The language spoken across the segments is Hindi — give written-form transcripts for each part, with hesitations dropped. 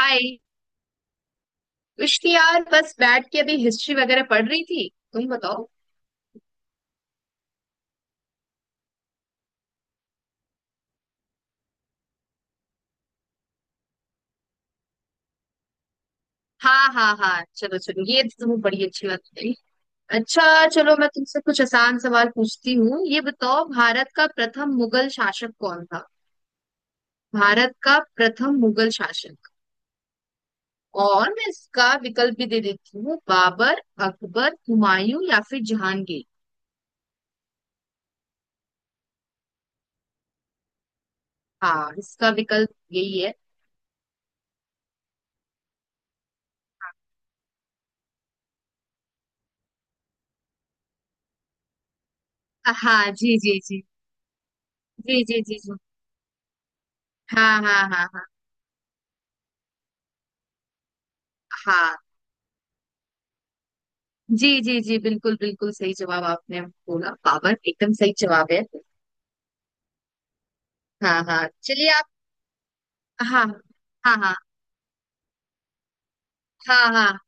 हाय। कुछ नहीं यार, बस बैठ के अभी हिस्ट्री वगैरह पढ़ रही थी। तुम बताओ। हाँ हाँ हाँ, चलो चलो, ये तो तुम्हें बड़ी अच्छी बात बताई। अच्छा, चलो मैं तुमसे कुछ आसान सवाल पूछती हूँ। ये बताओ, भारत का प्रथम मुगल शासक कौन था? भारत का प्रथम मुगल शासक। और मैं इसका विकल्प भी दे देती हूँ। बाबर, अकबर, हुमायूं या फिर जहांगीर। हाँ, इसका विकल्प यही है। हाँ, जी जी जी जी जी जी जी। हाँ हाँ हाँ हाँ। हाँ जी जी जी, बिल्कुल बिल्कुल सही जवाब आपने बोला। पावर एकदम सही जवाब है। हाँ हाँ, चलिए आप। हाँ हाँ हाँ हाँ। हाँ,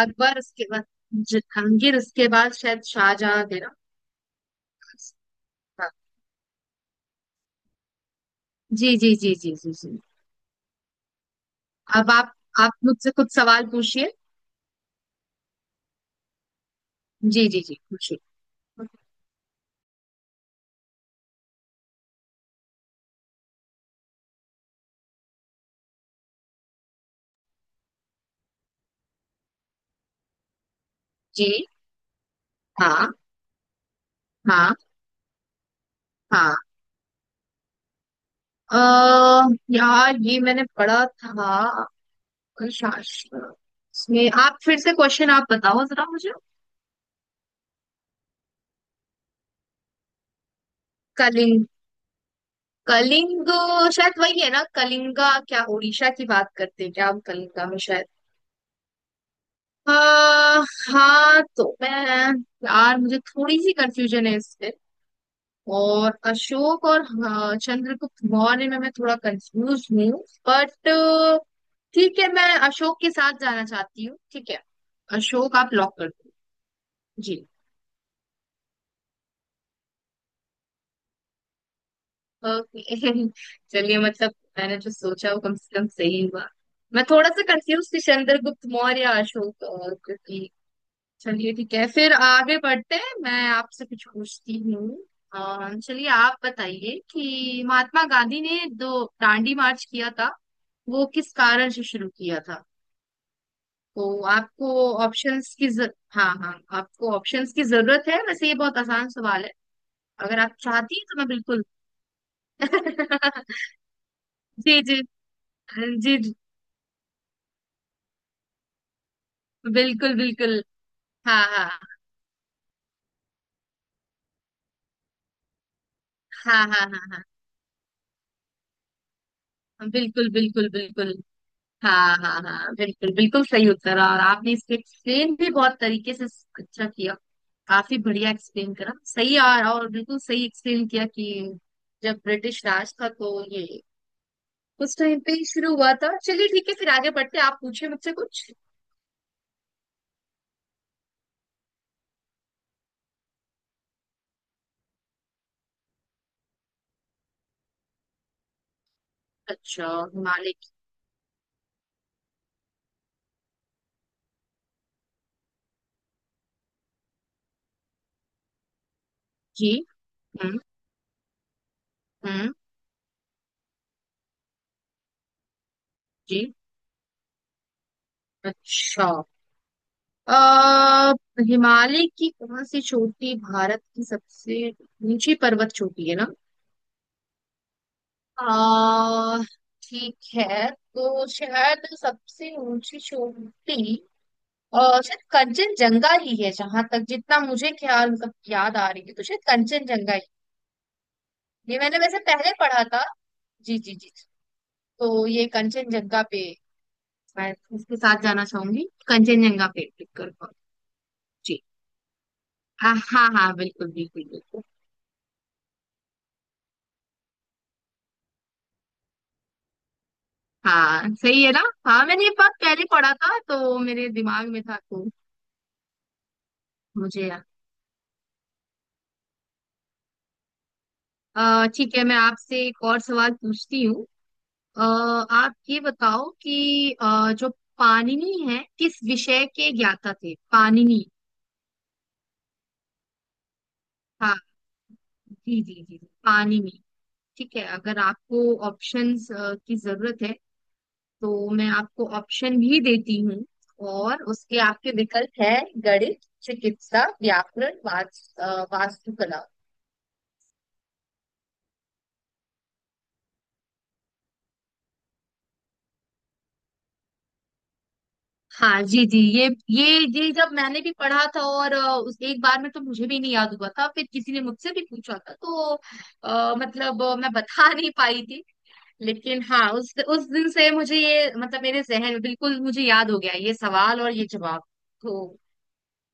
अकबर उसके बाद, जहांगीर उसके बाद शायद शाहजहां थे ना। हाँ, जी जी जी जी जी जी। अब आप मुझसे कुछ सवाल पूछिए। जी जी जी, पूछिए। जी, हाँ हाँ हाँ। अः यार ये मैंने पढ़ा था, शास्त्र। इसमें आप फिर से क्वेश्चन आप बताओ जरा मुझे। कलिंग, कलिंग। शायद वही है ना, कलिंगा क्या, उड़ीसा की बात करते हैं क्या हम, कलिंगा में शायद। हाँ हाँ, तो मैं, यार मुझे थोड़ी सी कंफ्यूजन है इस पे। और अशोक, और हाँ, चंद्रगुप्त मौर्य में मैं थोड़ा कंफ्यूज हूँ। बट ठीक है, मैं अशोक के साथ जाना चाहती हूँ। ठीक है? अशोक आप लॉक कर दो। जी। ओके चलिए, मतलब मैंने जो सोचा वो कम से कम सही हुआ। मैं थोड़ा सा कंफ्यूज थी चंद्रगुप्त मौर्य या अशोक, क्योंकि। चलिए ठीक है, फिर आगे बढ़ते हैं। मैं आपसे कुछ पूछती हूँ। चलिए, आप बताइए कि महात्मा गांधी ने जो दांडी मार्च किया था वो किस कारण से शुरू किया था? तो आपको ऑप्शंस की हाँ हाँ, आपको ऑप्शंस की जरूरत है? वैसे ये बहुत आसान सवाल है। अगर आप चाहती हैं तो मैं बिल्कुल जी जी जी जी, बिल्कुल बिल्कुल। हाँ हाँ हाँ हाँ हाँ हाँ हाँ, बिल्कुल बिल्कुल बिल्कुल। हाँ हाँ हाँ, बिल्कुल बिल्कुल सही उत्तर। और आपने इसको एक्सप्लेन भी बहुत तरीके से अच्छा किया। काफी बढ़िया एक्सप्लेन करा, सही और बिल्कुल सही एक्सप्लेन किया कि जब ब्रिटिश राज था तो ये उस टाइम पे ही शुरू हुआ था। चलिए ठीक है फिर आगे बढ़ते हैं। आप पूछे मुझसे कुछ। अच्छा, हिमालय की। जी, हम्म हम्म, जी, अच्छा। अः हिमालय की कौन सी चोटी भारत की सबसे ऊंची पर्वत चोटी है ना? आ, ठीक है, तो शायद सबसे ऊंची चोटी और शायद कंचनजंगा ही है, जहां तक जितना मुझे ख्याल, मतलब याद आ रही है, तो शायद कंचनजंगा ही। ये मैंने वैसे पहले पढ़ा था। जी जी जी। तो ये कंचनजंगा पे, मैं इसके साथ जाना चाहूंगी, कंचनजंगा पे क्लिक कर पाऊँ। जी, हाँ हाँ हाँ, बिल्कुल बिल्कुल बिल्कुल। हाँ सही है ना? हाँ, मैंने ये बात पहले पढ़ा था तो मेरे दिमाग में था, तो मुझे याद। ठीक है, मैं आपसे एक और सवाल पूछती हूँ। आप ये बताओ कि जो पाणिनि है किस विषय के ज्ञाता थे, पाणिनि? हाँ, जी जी जी जी, पाणिनि। ठीक है, अगर आपको ऑप्शंस की जरूरत है तो मैं आपको ऑप्शन भी देती हूँ। और उसके आपके विकल्प है — गणित, चिकित्सा, व्याकरण, वास्तुकला। हाँ जी जी, ये जब मैंने भी पढ़ा था, और उस एक बार में तो मुझे भी नहीं याद हुआ था, फिर किसी ने मुझसे भी पूछा था तो, मतलब मैं बता नहीं पाई थी। लेकिन हाँ, उस दिन से मुझे ये, मतलब मेरे जहन में बिल्कुल मुझे याद हो गया ये सवाल और ये जवाब। तो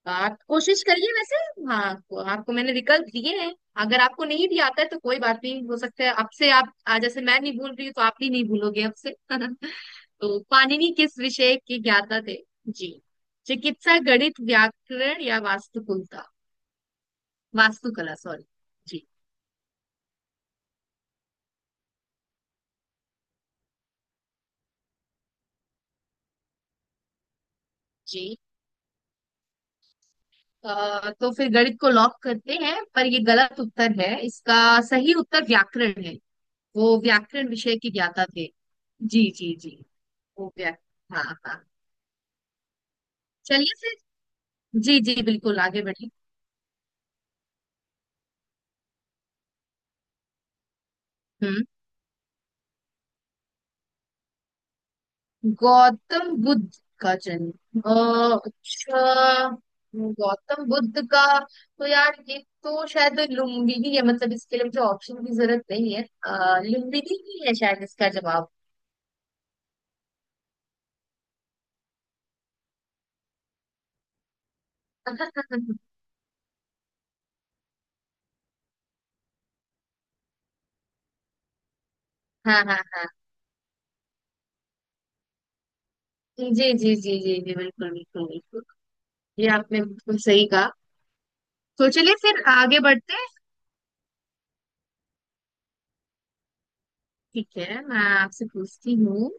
आप कोशिश करिए वैसे। हाँ, आपको मैंने विकल्प दिए हैं। अगर आपको नहीं भी आता है तो कोई बात नहीं, हो सकता है अब से आप, आज जैसे मैं नहीं भूल रही हूँ तो आप भी नहीं भूलोगे अब से तो पाणिनि किस विषय के ज्ञाता थे? जी, चिकित्सा, गणित, व्याकरण या वास्तुकुलता वास्तुकला, सॉरी। जी जी। तो फिर गणित को लॉक करते हैं, पर ये गलत उत्तर है इसका। सही उत्तर व्याकरण है। वो व्याकरण विषय के ज्ञाता थे। जी जी जी, वो व्याकरण, हाँ हाँ। चलिए फिर, जी जी, बिल्कुल आगे बढ़िए। हम्म, गौतम बुद्ध का जन्म, अच्छा, गौतम बुद्ध का। तो यार ये तो शायद लुम्बिनी है, मतलब इसके लिए मुझे ऑप्शन की जरूरत नहीं है, लुम्बिनी ही है शायद इसका जवाब। हाँ हाँ हाँ, जी जी जी जी जी, बिल्कुल बिल्कुल बिल्कुल, ये आपने बिल्कुल सही कहा। तो चलिए फिर आगे बढ़ते हैं। ठीक है, मैं आपसे पूछती हूँ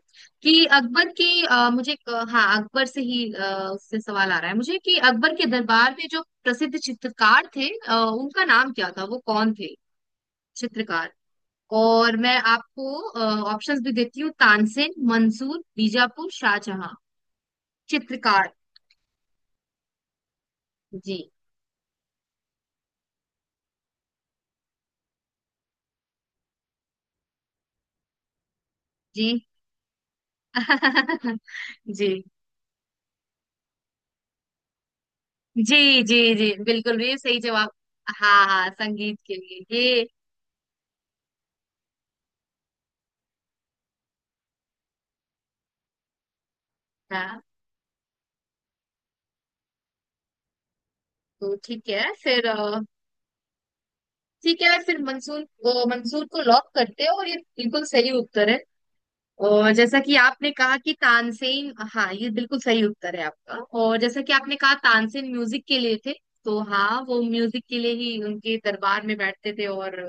कि अकबर की, मुझे एक, हाँ, अकबर से ही, उससे सवाल आ रहा है मुझे कि अकबर के दरबार में जो प्रसिद्ध चित्रकार थे, उनका नाम क्या था, वो कौन थे? चित्रकार। और मैं आपको ऑप्शंस भी देती हूँ — तानसेन, मंसूर, बीजापुर, शाहजहां। चित्रकार। जी जी जी जी जी जी, बिल्कुल, ये सही जवाब। हाँ हाँ, संगीत के लिए ये। हाँ, तो ठीक है फिर, ठीक है फिर मंसूर, मंसूर को लॉक करते हो, और ये बिल्कुल सही उत्तर है। और जैसा कि आपने कहा कि तानसेन, हाँ, ये बिल्कुल सही उत्तर है आपका। और जैसा कि आपने कहा, तानसेन म्यूजिक के लिए थे। तो हाँ, वो म्यूजिक के लिए ही उनके दरबार में बैठते थे, और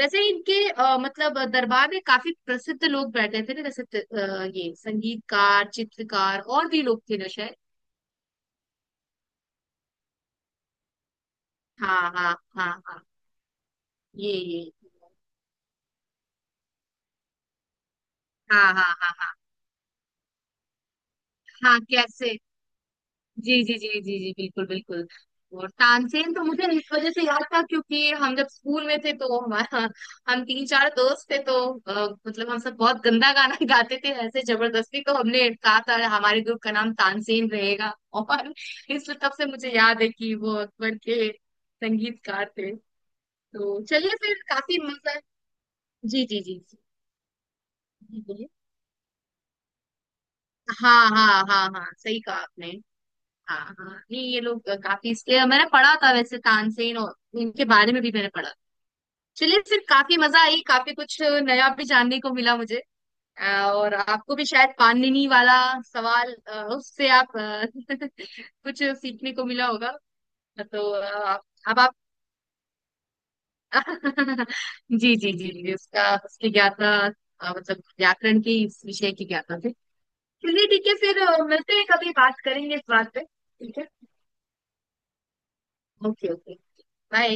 वैसे ही इनके, मतलब दरबार में काफी प्रसिद्ध लोग बैठे थे ना, जैसे ये संगीतकार, चित्रकार और भी लोग थे ना शायद। हाँ हाँ हाँ हाँ, ये, हाँ हाँ हाँ हाँ हाँ कैसे, जी जी जी जी जी, बिल्कुल बिल्कुल। और तानसेन तो मुझे इस वजह से याद था क्योंकि हम जब स्कूल में थे तो हमारा हम तीन चार दोस्त थे, तो अ, मतलब हम सब बहुत गंदा गाना गाते थे ऐसे जबरदस्ती, तो हमने कहा था हमारे ग्रुप का नाम तानसेन रहेगा और इस तब से मुझे याद है कि वो अकबर के संगीतकार थे। तो चलिए फिर काफी मजा, जी जी जी जी जी, बोलिए। हाँ हाँ हाँ हाँ, सही कहा आपने। हाँ हाँ हाँ। नहीं, ये लोग काफी, इसलिए मैंने पढ़ा था वैसे तानसेन, और इनके बारे में भी मैंने पढ़ा। चलिए फिर, काफी मजा आई, काफी कुछ नया भी जानने को मिला मुझे। अ, और आपको भी शायद पाणिनि वाला सवाल, उससे आप कुछ सीखने को मिला होगा। तो आप, अब आप जी जी जी जी, उसका उसकी ज्ञाता, मतलब व्याकरण की, इस विषय की ज्ञाता थे। चलिए ठीक है फिर, मिलते हैं कभी, बात करेंगे इस बात पे, ठीक है। Okay okay, bye.